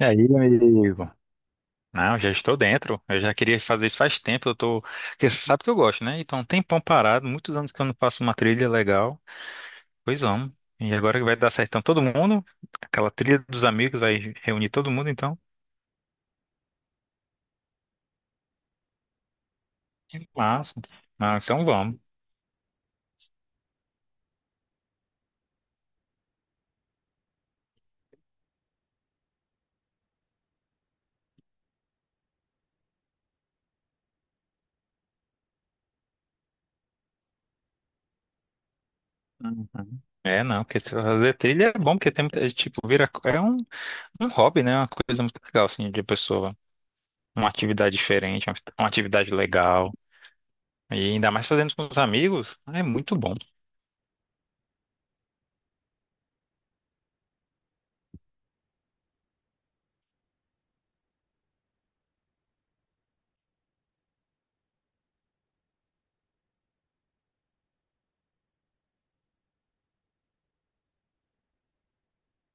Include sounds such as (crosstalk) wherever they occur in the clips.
E aí, amigo? Não, já estou dentro. Eu já queria fazer isso faz tempo. Eu tô. Porque você sabe que eu gosto, né? Então, um tempão parado, muitos anos que eu não faço uma trilha legal. Pois vamos. E agora que vai dar certo. Então, todo mundo, aquela trilha dos amigos, vai reunir todo mundo, então. Que massa. Ah, então vamos. Uhum. É, não, porque se fazer trilha é bom, porque tem, muita- é, tipo, vira, é um, um hobby, né? Uma coisa muito legal, assim, de pessoa. Uma atividade diferente, uma atividade legal. E ainda mais fazendo com os amigos, é muito bom.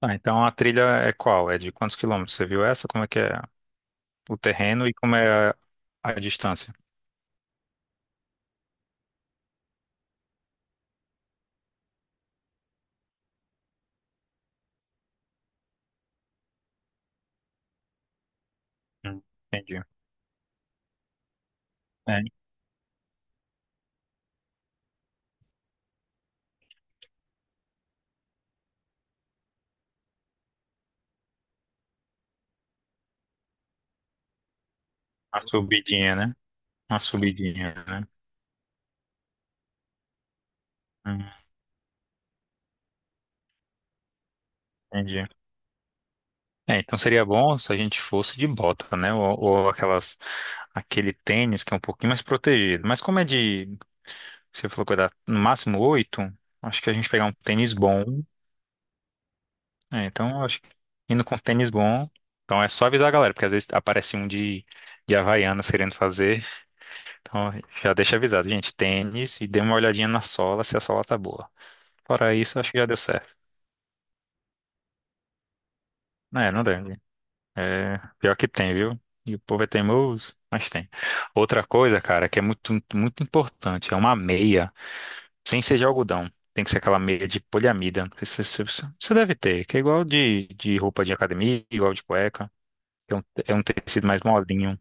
Ah, então a trilha é qual? É de quantos quilômetros? Você viu essa? Como é que é o terreno e como é a distância? Hum, entendi. É, uma subidinha, né? Uma subidinha, né? Hum, entendi. É, então seria bom se a gente fosse de bota, né? Ou aquelas, aquele tênis que é um pouquinho mais protegido. Mas como é de, você falou que vai dar no máximo oito, acho que a gente pegar um tênis bom. É, então eu acho que indo com tênis bom. Então é só avisar a galera, porque às vezes aparece um de Havaianas querendo fazer. Então, já deixa avisado, gente, tênis e dê uma olhadinha na sola, se a sola tá boa. Fora isso, acho que já deu certo. É, não lembro. É, pior que tem, viu? E o povo é teimoso, mas tem. Outra coisa, cara, que é muito, muito importante, é uma meia, sem ser de algodão. Tem que ser aquela meia de poliamida. Não sei se- Você deve ter, que é igual de roupa de academia, igual de cueca. É um tecido mais molinho.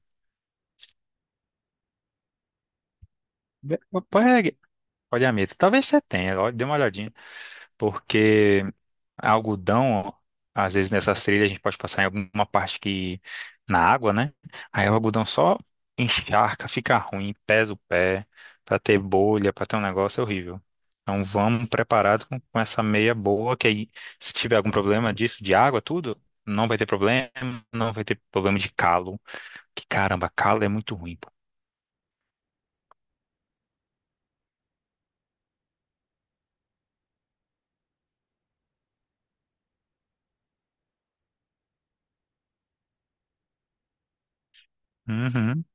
Ve- Pode, pode, talvez você tenha, ó, dê uma olhadinha. Porque algodão, às vezes nessas trilhas a gente pode passar em alguma parte que na água, né? Aí o algodão só encharca, fica ruim, pesa o pé, pra ter bolha, pra ter um negócio é horrível. Então vamos preparado com essa meia boa, que aí se tiver algum problema disso, de água, tudo, não vai ter problema, não vai ter problema de calo. Que caramba, calo é muito ruim, pô. Uhum.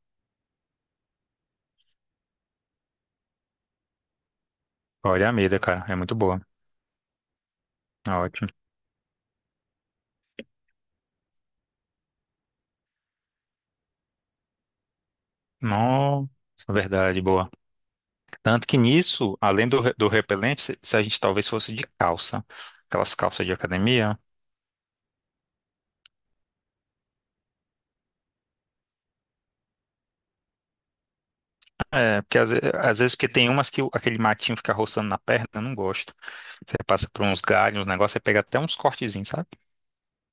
Olha a meia, cara, é muito boa. Ótimo. Nossa, verdade, boa. Tanto que nisso, além do, re- do repelente, se a gente talvez fosse de calça, aquelas calças de academia, é, porque às, ve- às vezes porque tem umas que o- aquele matinho fica roçando na perna, eu não gosto. Você passa por uns galhos, uns negócios, você pega até uns cortezinhos, sabe?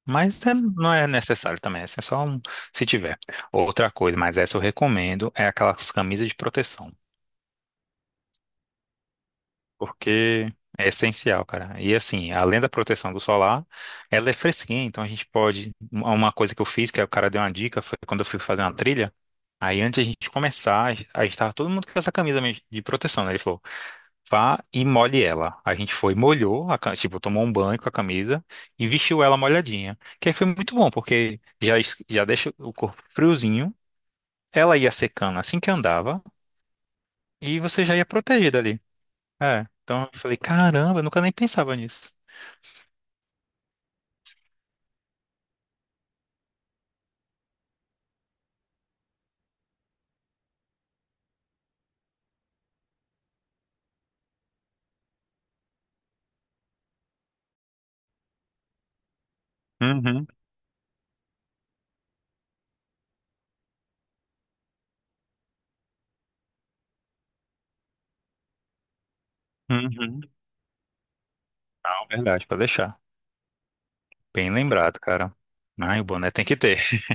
Mas é- não é necessário também, assim, é só um, se tiver. Outra coisa, mas essa eu recomendo, é aquelas camisas de proteção. Porque é essencial, cara. E assim, além da proteção do solar, ela é fresquinha, então a gente pode. Uma coisa que eu fiz, que o cara deu uma dica, foi quando eu fui fazer uma trilha. Aí antes a gente começar, aí estava todo mundo com essa camisa mesmo de proteção, né? Ele falou, vá e molhe ela. A gente foi, molhou, a, ca- tipo, tomou um banho com a camisa e vestiu ela molhadinha. Que aí foi muito bom, porque já, es- já deixa o corpo friozinho, ela ia secando assim que andava e você já ia protegida ali. É, então eu falei, caramba, eu nunca nem pensava nisso. Uhum, uhum. Não, verdade, para deixar. Bem lembrado, cara. Ai, o boné tem que ter. (laughs)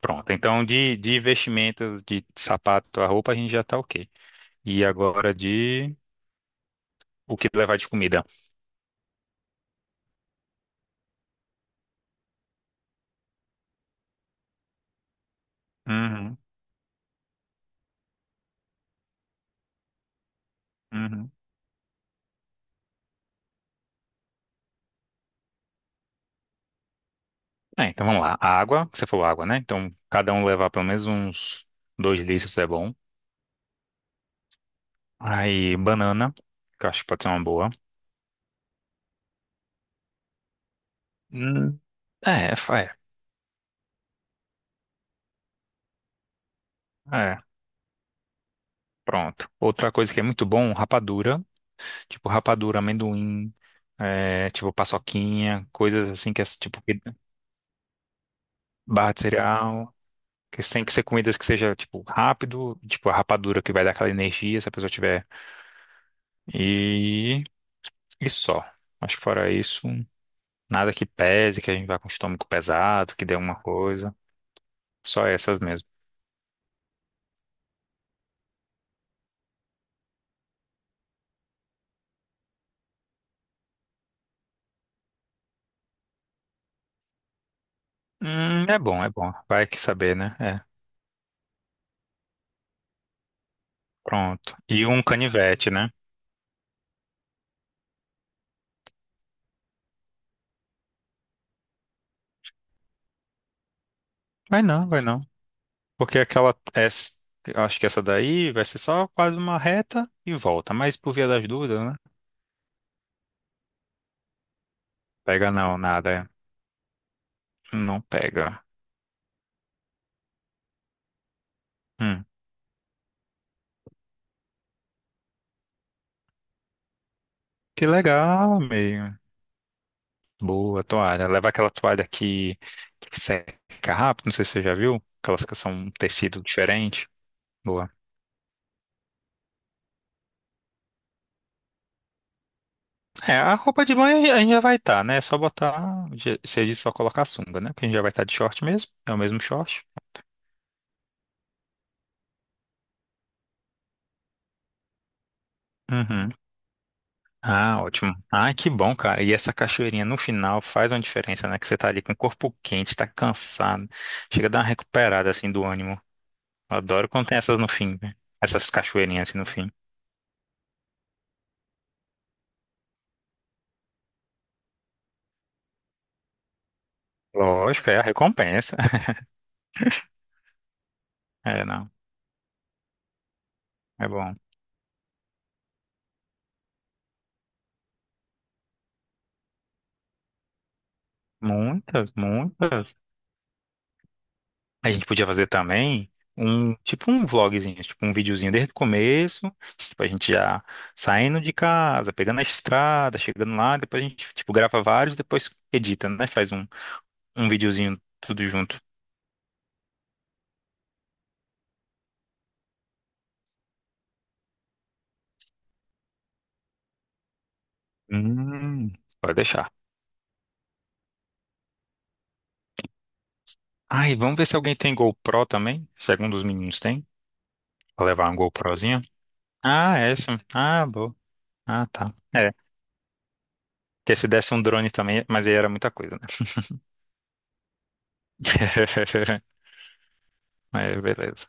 Pronto. Então, de investimentos, de sapato, a roupa, a gente já tá ok. E agora de o que levar de comida. Uhum, uhum. É, então vamos lá. A água, que você falou água, né? Então, cada um levar pelo menos uns 2 litros é bom. Aí, banana, que eu acho que pode ser uma boa. Hum, é, fa- é, é. Pronto. Outra coisa que é muito bom, rapadura. Tipo rapadura, amendoim, é, tipo paçoquinha, coisas assim que é tipo barra de cereal. Que tem que ser comidas que seja tipo rápido, tipo a rapadura que vai dar aquela energia se a pessoa tiver. E, e só. Acho que fora isso, nada que pese, que a gente vá com o estômago pesado, que dê alguma coisa. Só essas mesmo. É bom, é bom. Vai que saber, né? É. Pronto. E um canivete, né? Vai não, vai não. Porque aquela acho que essa daí vai ser só quase uma reta e volta. Mas por via das dúvidas, né? Pega não, nada, é. Não pega. Hum. Que legal, meio. Boa toalha. Leva aquela toalha que seca rápido. Não sei se você já viu. Aquelas que são um tecido diferente. Boa. É, a roupa de banho a gente já vai estar, né? É só botar. Se a gente só colocar a sunga, né? Porque a gente já vai estar de short mesmo. É o mesmo short. Uhum. Ah, ótimo. Ah, que bom, cara. E essa cachoeirinha no final faz uma diferença, né? Que você tá ali com o corpo quente, tá cansado. Chega a dar uma recuperada, assim, do ânimo. Eu adoro quando tem essas no fim, né? Essas cachoeirinhas, assim, no fim. Lógico, é a recompensa. (laughs) É, não. É bom. Muitas, muitas. A gente podia fazer também um, tipo um vlogzinho, tipo um videozinho desde o começo. Tipo, a gente já saindo de casa, pegando a estrada, chegando lá. Depois a gente, tipo, grava vários, depois edita, né? Faz um. Um videozinho tudo junto. Hum, pode deixar. Ah, e vamos ver se alguém tem GoPro também. Se algum dos meninos tem, pra levar uma GoProzinha. Ah, essa. Ah, boa. Ah, tá. É, porque se desse um drone também, mas aí era muita coisa, né? (laughs) É, beleza.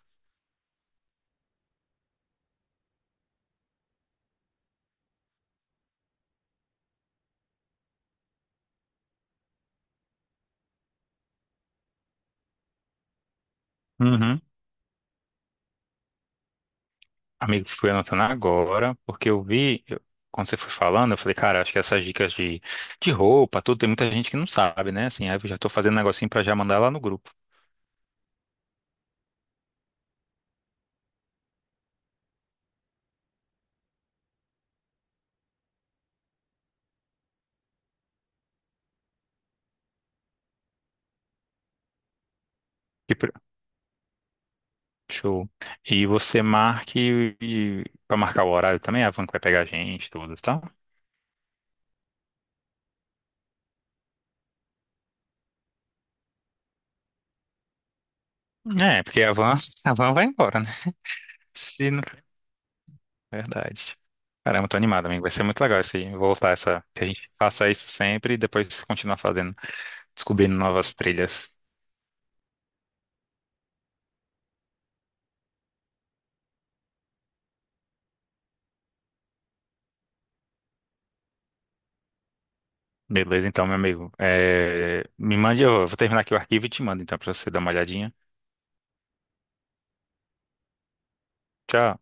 Uhum. Amigo, fui anotando agora, porque eu vi, quando você foi falando, eu falei, cara, acho que essas dicas de roupa, tudo, tem muita gente que não sabe, né? Assim, aí eu já tô fazendo um negocinho pra já mandar lá no grupo. Que pro- Show. E você marque e, para marcar o horário também, a van que vai pegar a gente, todos, tá? É, porque a van vai embora, né? Se não... Verdade. Caramba, tô animado, amigo. Vai ser muito legal isso aí. Voltar essa. Que a gente faça isso sempre e depois continuar fazendo, descobrindo novas trilhas. Beleza, então, meu amigo. É, me mande, eu vou terminar aqui o arquivo e te mando, então, pra você dar uma olhadinha. Tchau.